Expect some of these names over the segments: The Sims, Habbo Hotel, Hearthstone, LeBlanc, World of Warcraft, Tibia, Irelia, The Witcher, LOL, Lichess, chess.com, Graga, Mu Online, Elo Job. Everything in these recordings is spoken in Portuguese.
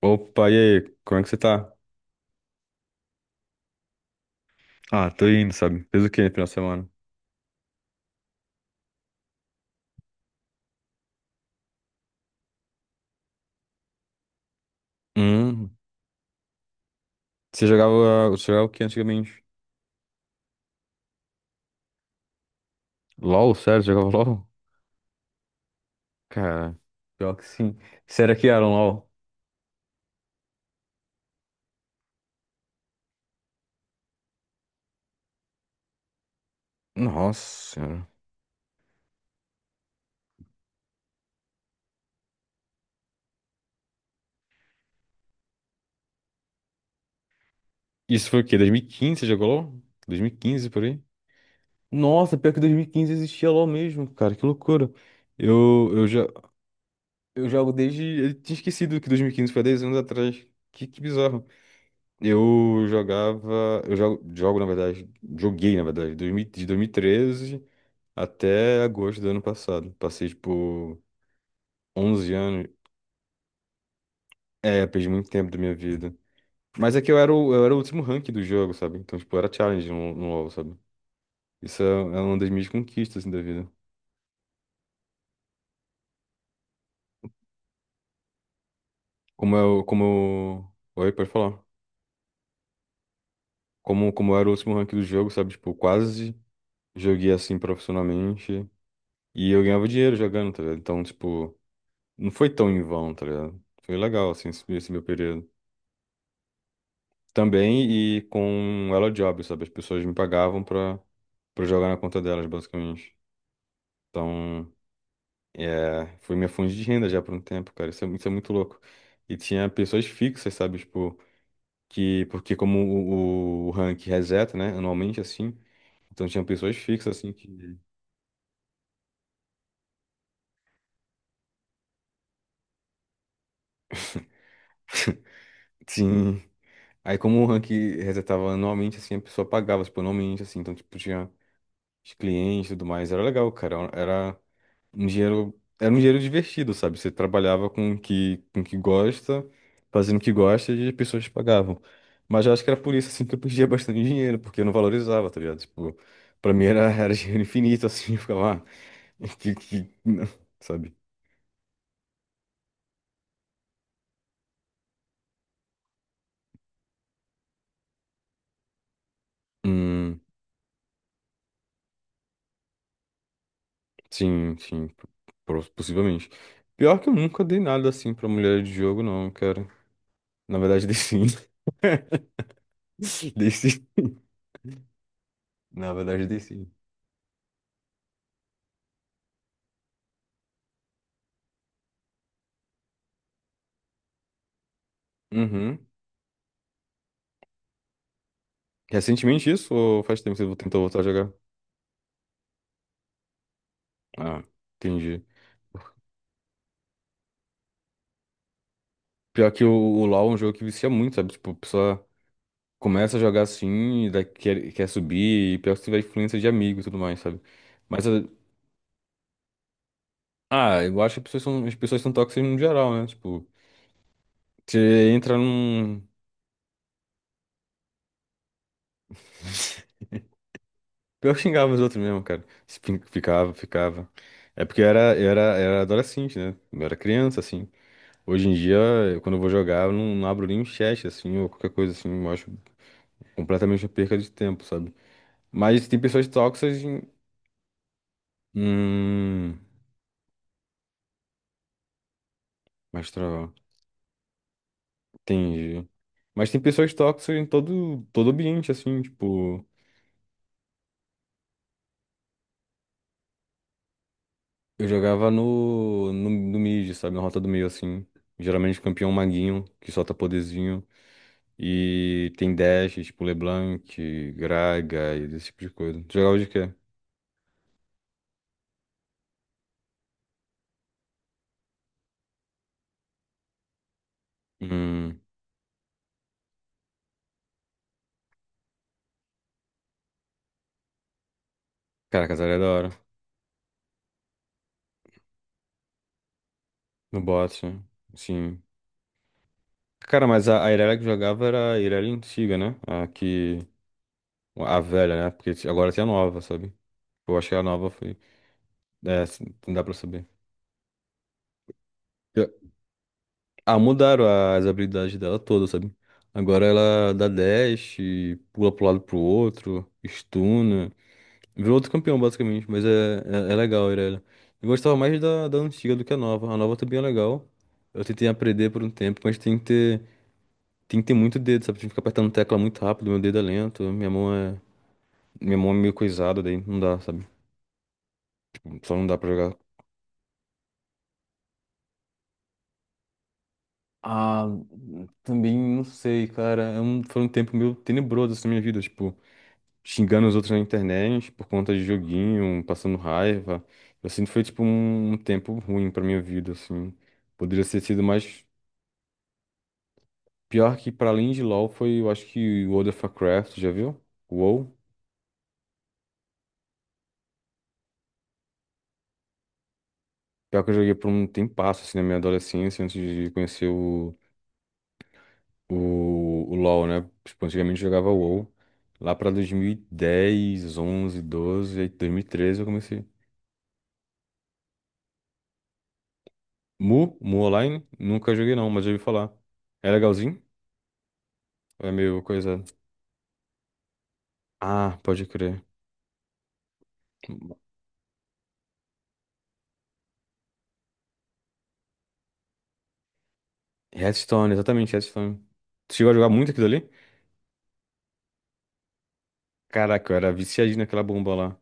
Opa, e aí? Como é que você tá? Ah, tô indo, sabe? Fez o quê no final de semana? Hum, você jogava o que antigamente? LOL, sério? Você jogava LOL? Cara, pior que sim. Será que era um LOL? Nossa senhora. Isso foi o quê? 2015 você jogou LOL? 2015, por aí? Nossa, pior que 2015 existia LOL mesmo, cara. Que loucura. Eu, eu, já, eu jogo desde. Eu tinha esquecido que 2015 foi 10 anos atrás. Que bizarro. Eu jogava. Eu jogo, jogo, na verdade. Joguei, na verdade, 2013 até agosto do ano passado. Passei, tipo, 11 anos. É, perdi muito tempo da minha vida. Mas é que eu era o último rank do jogo, sabe? Então, tipo, era challenge no LoL, sabe? Isso é uma das minhas conquistas, assim, da vida. Como eu. Como eu. Oi, pode falar. Como eu era o último rank do jogo, sabe? Tipo, quase joguei assim profissionalmente. E eu ganhava dinheiro jogando, tá ligado? Então, tipo. Não foi tão em vão, tá ligado? Foi legal, assim, esse meu período. Também e com Elo Job, sabe? As pessoas me pagavam pra jogar na conta delas, basicamente. Então, é, foi minha fonte de renda já por um tempo, cara. Isso é muito louco. E tinha pessoas fixas, sabe? Tipo, porque como o rank reseta, né? Anualmente, assim. Então tinha pessoas fixas, assim, que. Sim. Aí como o rank resetava anualmente, assim, a pessoa pagava, tipo, anualmente, assim. Então, tipo, tinha os clientes e tudo mais. Era legal, cara. Era um dinheiro divertido, sabe? Você trabalhava com o que gosta, fazendo o que gosta e as pessoas te pagavam. Mas eu acho que era por isso, assim, que eu perdia bastante dinheiro, porque eu não valorizava, tá ligado? Tipo, pra mim era dinheiro infinito, assim, eu ficava, ah, que, não", sabe? Hum, sim, sim, possivelmente. Pior que eu nunca dei nada, assim, pra mulher de jogo, não, cara. Na verdade, dei sim. Dei sim. Na verdade, dei sim. Uhum. Recentemente isso ou faz tempo que você tentou voltar a jogar? Ah, entendi. Pior que o LoL é um jogo que vicia muito, sabe? Tipo, a pessoa começa a jogar assim, e daí quer subir, e pior que você vai influência de amigo e tudo mais, sabe? Mas, ah, eu acho que as pessoas são tóxicas no geral, né? Tipo, você entra num. Pior que xingava os outros mesmo, cara. Se fin- Ficava, ficava. É porque era adolescente, né? Eu era criança, assim. Hoje em dia, quando eu vou jogar, eu não abro nem o chat, assim, ou qualquer coisa assim. Eu acho completamente uma perca de tempo, sabe? Mas tem pessoas tóxicas em. Hum, mas entendi. Mas tem pessoas tóxicas em todo ambiente, assim, tipo. Eu jogava no mid, sabe? Na rota do meio, assim. Geralmente campeão maguinho, que solta poderzinho. E tem dash, tipo LeBlanc, Graga e esse tipo de coisa. Tu jogava de quê? Hum, cara, Casaria é da hora. No bot, sim. Cara, mas a Irelia que jogava era a Irelia antiga, né? A que. A velha, né? Porque agora tem a nova, sabe? Eu acho que a nova foi. É, assim, não dá pra saber. Eu- Ah, mudaram as habilidades dela toda, sabe? Agora ela dá dash, pula pro lado pro outro, stuna. Virou outro campeão, basicamente. Mas é, é legal, a Irelia. Eu gostava mais da antiga do que a nova. A nova também é legal. Eu tentei aprender por um tempo, mas tem que ter muito dedo, sabe? Tem que ficar apertando tecla muito rápido, meu dedo é lento, minha mão é. Minha mão é meio coisada, daí não dá, sabe? Só não dá pra jogar. Ah, também não sei, cara. Foi um tempo meio tenebroso assim, na minha vida, tipo, xingando os outros na internet por conta de joguinho, passando raiva. Eu sinto que foi, tipo, um tempo ruim pra minha vida, assim. Poderia ter sido mais. Pior que, pra além de LoL, foi, eu acho que World of Warcraft, já viu? WoW. Pior que eu joguei por um tempasso, assim, na minha adolescência, antes de conhecer o LoL, né? Tipo, antigamente eu jogava WoW. Lá pra 2010, 11, 12, aí 2013 eu comecei. Mu, Mu Online, nunca joguei não, mas já ouvi falar. É legalzinho? Ou é meio coisa. Ah, pode crer. Hearthstone, exatamente, Hearthstone. Você chegou a jogar muito aquilo ali? Caraca, eu era viciadinho naquela bomba lá.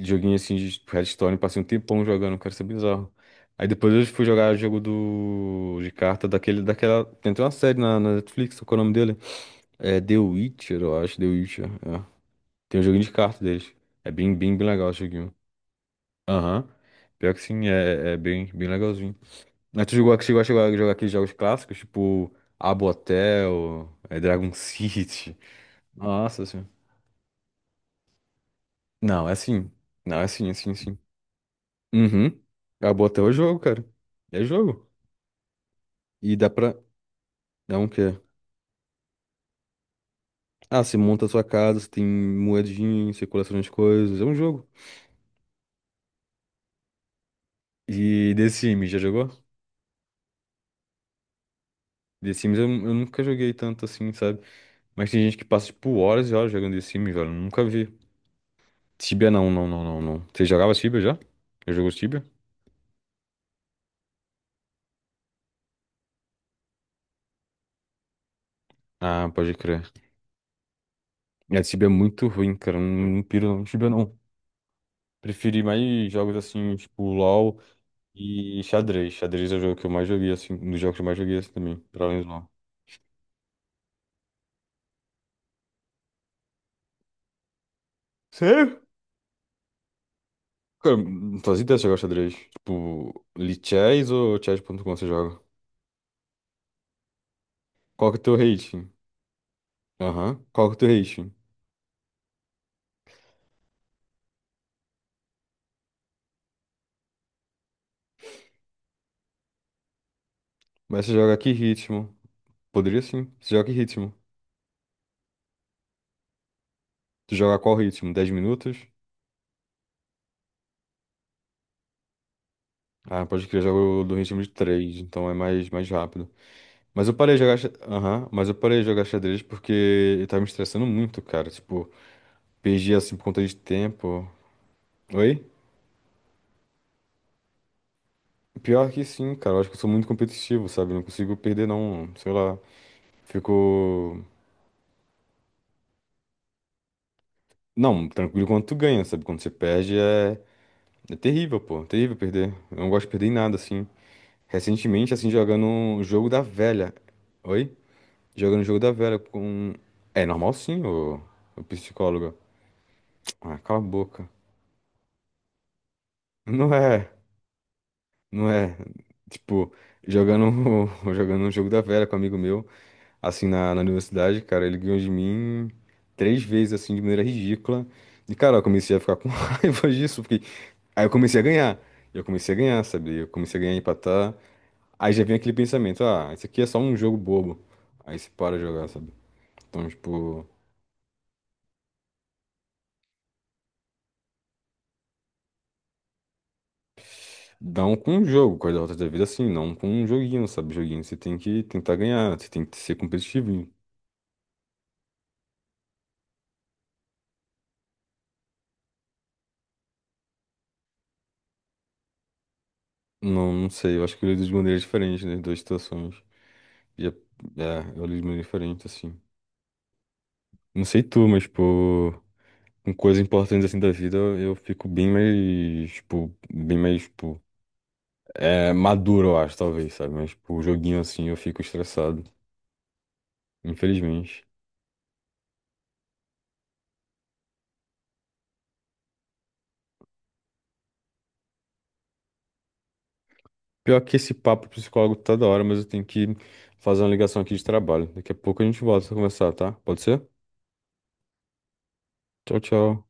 Joguinho assim de Hearthstone, passei um tempão jogando, cara, isso é bizarro. Aí depois eu fui jogar jogo de carta daquele, daquela. Tem até uma série na Netflix, qual é o nome dele? É The Witcher, eu acho, The Witcher. É. Tem um joguinho de carta deles. É bem, bem, bem legal esse joguinho. Aham. Pior que sim, é, bem, bem legalzinho. Mas tu jogou, chegou a chegar a jogar aqueles jogos clássicos, tipo Habbo Hotel, é, Dragon City. Nossa senhora. Não, é sim. Não, é sim, é sim, é sim. Uhum. Habbo Hotel é jogo, cara. É jogo. E dá pra. É um quê? Ah, você monta a sua casa, você tem moedinha, você coleciona as coisas. É um jogo. E The Sims, já jogou? The Sims eu nunca joguei tanto assim, sabe? Mas tem gente que passa, tipo, horas e horas jogando The Sims, velho. Eu nunca vi. Tibia não, não, não, não, não. Você jogava Tibia já? Já jogou Tibia? Ah, pode crer. É, Tibia é muito ruim, cara. Eu não piro não. Tibia não. Preferi mais jogos assim, tipo, LoL e xadrez. Xadrez é o jogo que eu mais joguei, assim, um dos jogos que eu mais joguei assim também, pra além do LoL. Sério? Cara, não fazia ideia de jogar xadrez. Tipo, Lichess ou chess.com você joga? Qual que é o teu rating? Aham. Qual que é o teu rating? Mas você joga que ritmo? Poderia sim. Você joga que ritmo? Tu joga qual ritmo? 10 minutos? Ah, pode crer, eu jogo do ritmo de 3 então é mais rápido. Mas eu parei de jogar, aham, mas eu parei de jogar xadrez porque eu tava me estressando muito, cara. Tipo, perdi assim por conta de tempo. Oi? Pior que sim, cara. Eu acho que eu sou muito competitivo, sabe? Eu não consigo perder, não. Sei lá. Fico. Não, tranquilo quando tu ganha, sabe? Quando você perde é. É terrível, pô. Terrível perder. Eu não gosto de perder em nada, assim. Recentemente, assim, jogando um jogo da velha. Oi? Jogando um jogo da velha com. É normal sim, o psicólogo. Ah, cala a boca. Não é, não é. Tipo, jogando, jogando um jogo da velha com um amigo meu, assim, na universidade, cara, ele ganhou de mim 3 vezes, assim, de maneira ridícula. E, cara, eu comecei a ficar com raiva disso, porque. Aí eu comecei a ganhar. Eu comecei a ganhar, sabe? Eu comecei a ganhar, empatar. Aí já vem aquele pensamento, ah, isso aqui é só um jogo bobo. Aí você para de jogar, sabe? Então, tipo, não com um jogo, com as derrotas da vida assim, não com um joguinho, sabe? Joguinho você tem que tentar ganhar, você tem que ser competitivo. Não, não sei, eu acho que eu lido de maneiras diferentes nas duas situações. E é, eu lido de maneira diferente, assim. Não sei tu, mas, tipo, com coisas importantes assim da vida, eu fico bem mais, tipo, maduro, eu acho, talvez, sabe? Mas, tipo, joguinho assim, eu fico estressado, infelizmente. Pior que esse papo psicólogo tá da hora, mas eu tenho que fazer uma ligação aqui de trabalho. Daqui a pouco a gente volta a conversar, tá? Pode ser? Tchau, tchau.